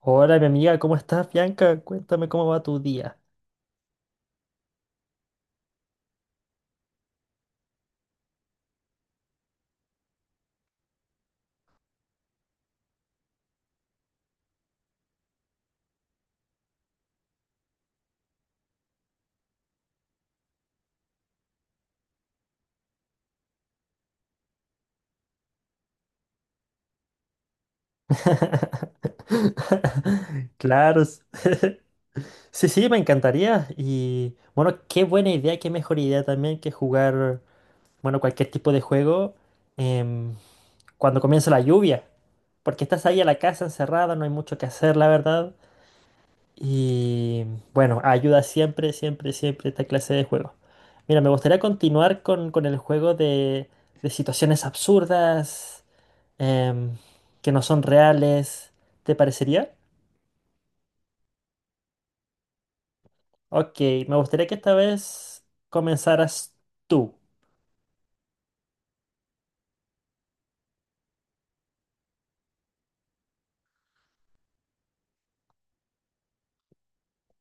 Hola, mi amiga, ¿cómo estás, Bianca? Cuéntame cómo va tu día. Claro, sí, me encantaría. Y bueno, qué buena idea, qué mejor idea también que jugar, bueno, cualquier tipo de juego em, cuando comienza la lluvia. Porque estás ahí a la casa encerrada, no hay mucho que hacer, la verdad. Y bueno, ayuda siempre esta clase de juegos. Mira, me gustaría continuar con el juego de situaciones absurdas, em, que no son reales. ¿Te parecería? Ok, me gustaría que esta vez comenzaras tú.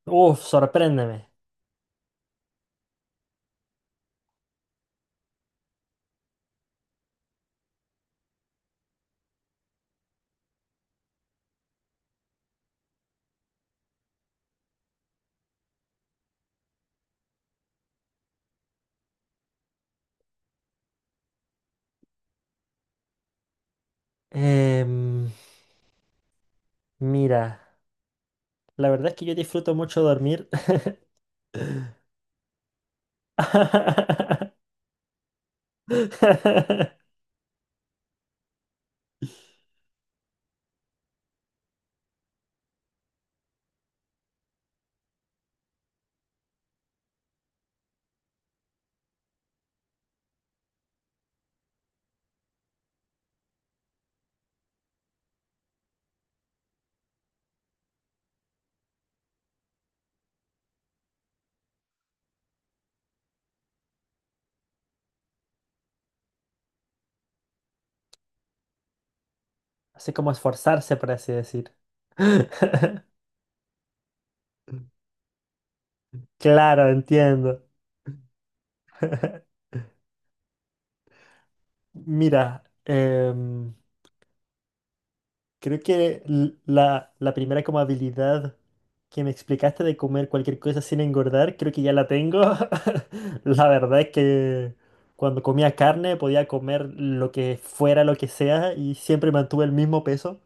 Uf, sorpréndeme. Em, Mira, la verdad es que yo disfruto mucho dormir. Así como esforzarse, por así decir. Claro, entiendo. Mira, creo que la primera como habilidad que me explicaste de comer cualquier cosa sin engordar, creo que ya la tengo. La verdad es que cuando comía carne podía comer lo que fuera, lo que sea, y siempre mantuve el mismo peso.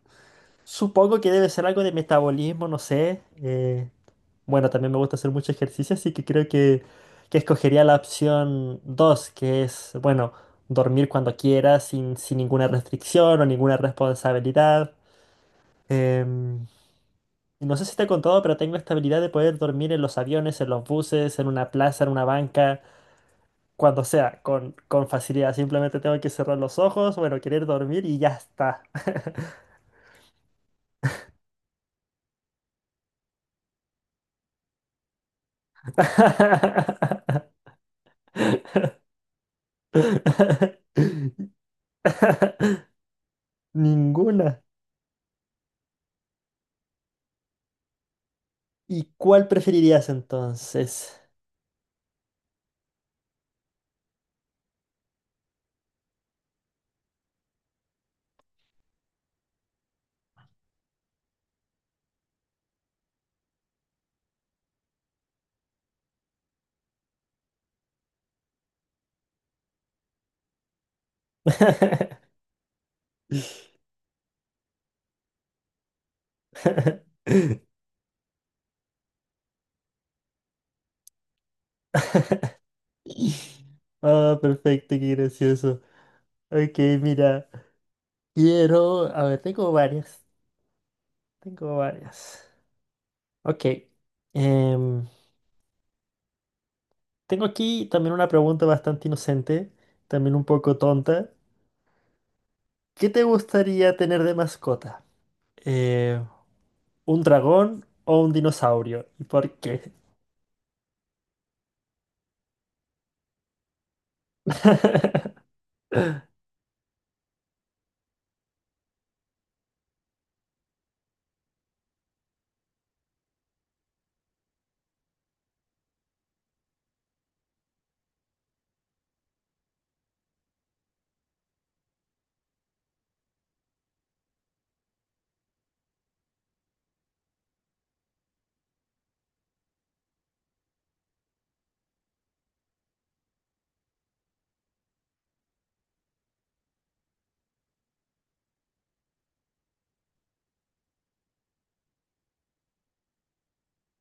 Supongo que debe ser algo de metabolismo, no sé. Bueno, también me gusta hacer mucho ejercicio, así que creo que escogería la opción 2 que es, bueno, dormir cuando quiera sin ninguna restricción o ninguna responsabilidad. Em, no sé si te he contado, pero tengo esta habilidad de poder dormir en los aviones, en los buses, en una plaza, en una banca, cuando sea, con facilidad. Simplemente tengo que cerrar los ojos, bueno, querer dormir y ya está. Ninguna. ¿Y cuál preferirías entonces? Ah, perfecto, qué gracioso. Ok, mira, quiero... A ver, tengo varias. Tengo varias. Ok, em, tengo aquí también una pregunta bastante inocente, también un poco tonta. ¿Qué te gustaría tener de mascota? Eh, ¿Un dragón o un dinosaurio? ¿Y por qué?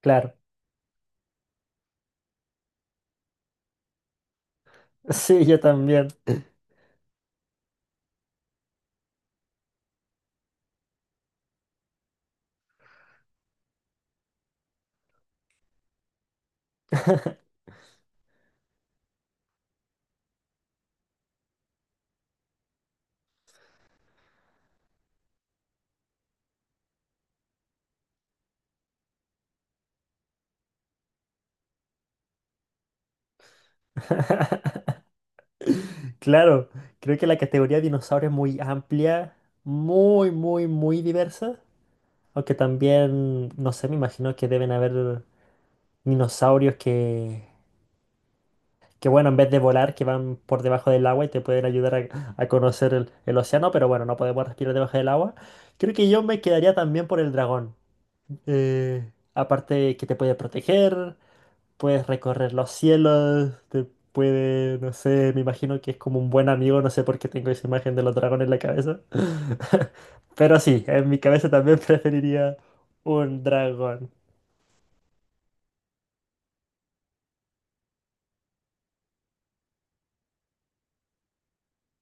Claro. Sí, yo también. Claro, creo que la categoría dinosaurio es muy amplia, muy diversa. Aunque también, no sé, me imagino que deben haber dinosaurios que bueno, en vez de volar, que van por debajo del agua y te pueden ayudar a conocer el océano, pero bueno, no podemos respirar debajo del agua. Creo que yo me quedaría también por el dragón. Aparte que te puede proteger, puedes recorrer los cielos, te puede, no sé, me imagino que es como un buen amigo, no sé por qué tengo esa imagen de los dragones en la cabeza. Pero sí, en mi cabeza también preferiría un dragón.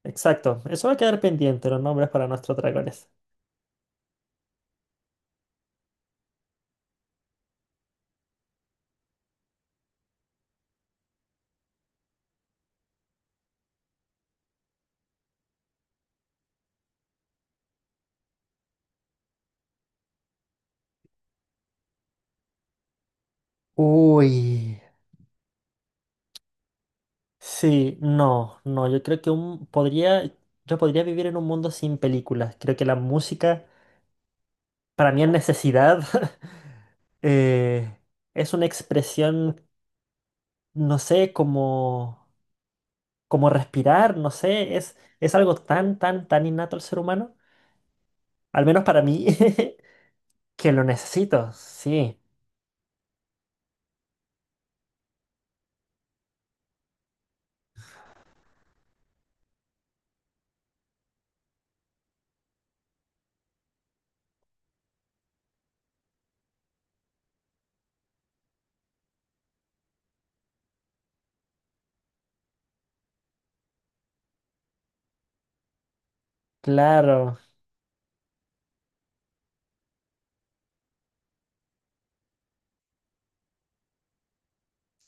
Exacto, eso va a quedar pendiente, los nombres para nuestros dragones. Uy. Sí, no, no, yo creo que podría, yo podría vivir en un mundo sin películas. Creo que la música, para mí es necesidad, eh, es una expresión, no sé, como, como respirar, no sé, es algo tan innato al ser humano, al menos para mí, que lo necesito, sí, claro,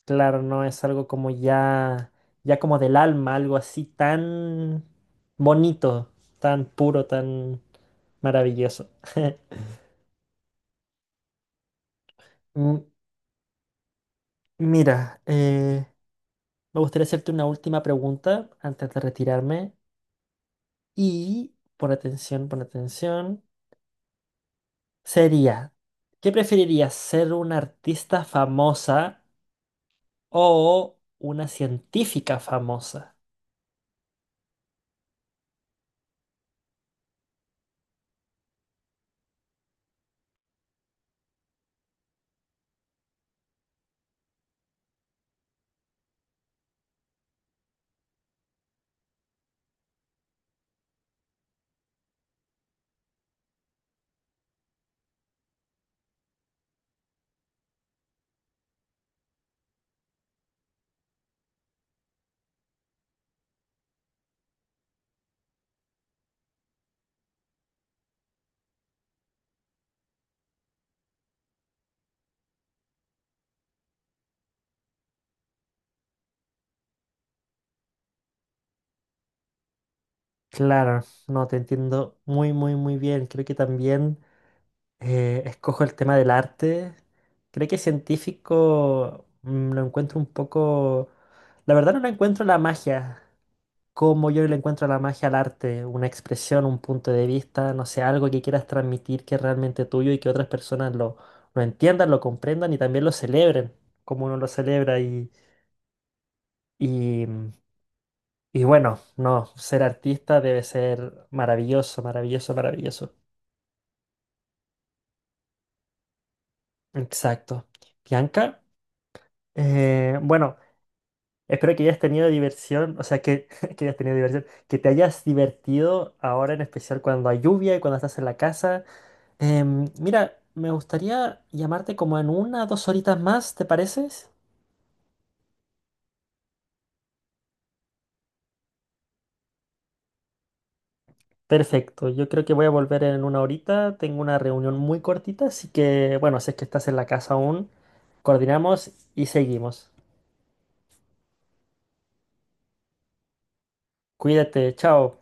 claro, no es algo como ya, ya como del alma, algo así tan bonito, tan puro, tan... Maravilloso. Mm, mira, me gustaría hacerte una última pregunta antes de retirarme y pon atención, pon atención. Sería, ¿qué preferirías, ser una artista famosa o una científica famosa? Claro, no te entiendo muy bien. Creo que también escojo el tema del arte. Creo que científico mm, lo encuentro un poco... La verdad no le encuentro la magia, cómo yo le encuentro la magia al arte, una expresión, un punto de vista, no sé, algo que quieras transmitir que es realmente tuyo y que otras personas lo entiendan, lo comprendan y también lo celebren, como uno lo celebra. Y, y bueno, no, ser artista debe ser maravilloso, maravilloso, maravilloso. Exacto. Bianca, bueno, espero que hayas tenido diversión, o sea, que, que hayas tenido diversión, que te hayas divertido ahora en especial cuando hay lluvia y cuando estás en la casa. Mira, me gustaría llamarte como en una o dos horitas más, ¿te pareces? Perfecto, yo creo que voy a volver en una horita. Tengo una reunión muy cortita, así que bueno, si es que estás en la casa aún, coordinamos y seguimos. Cuídate, chao.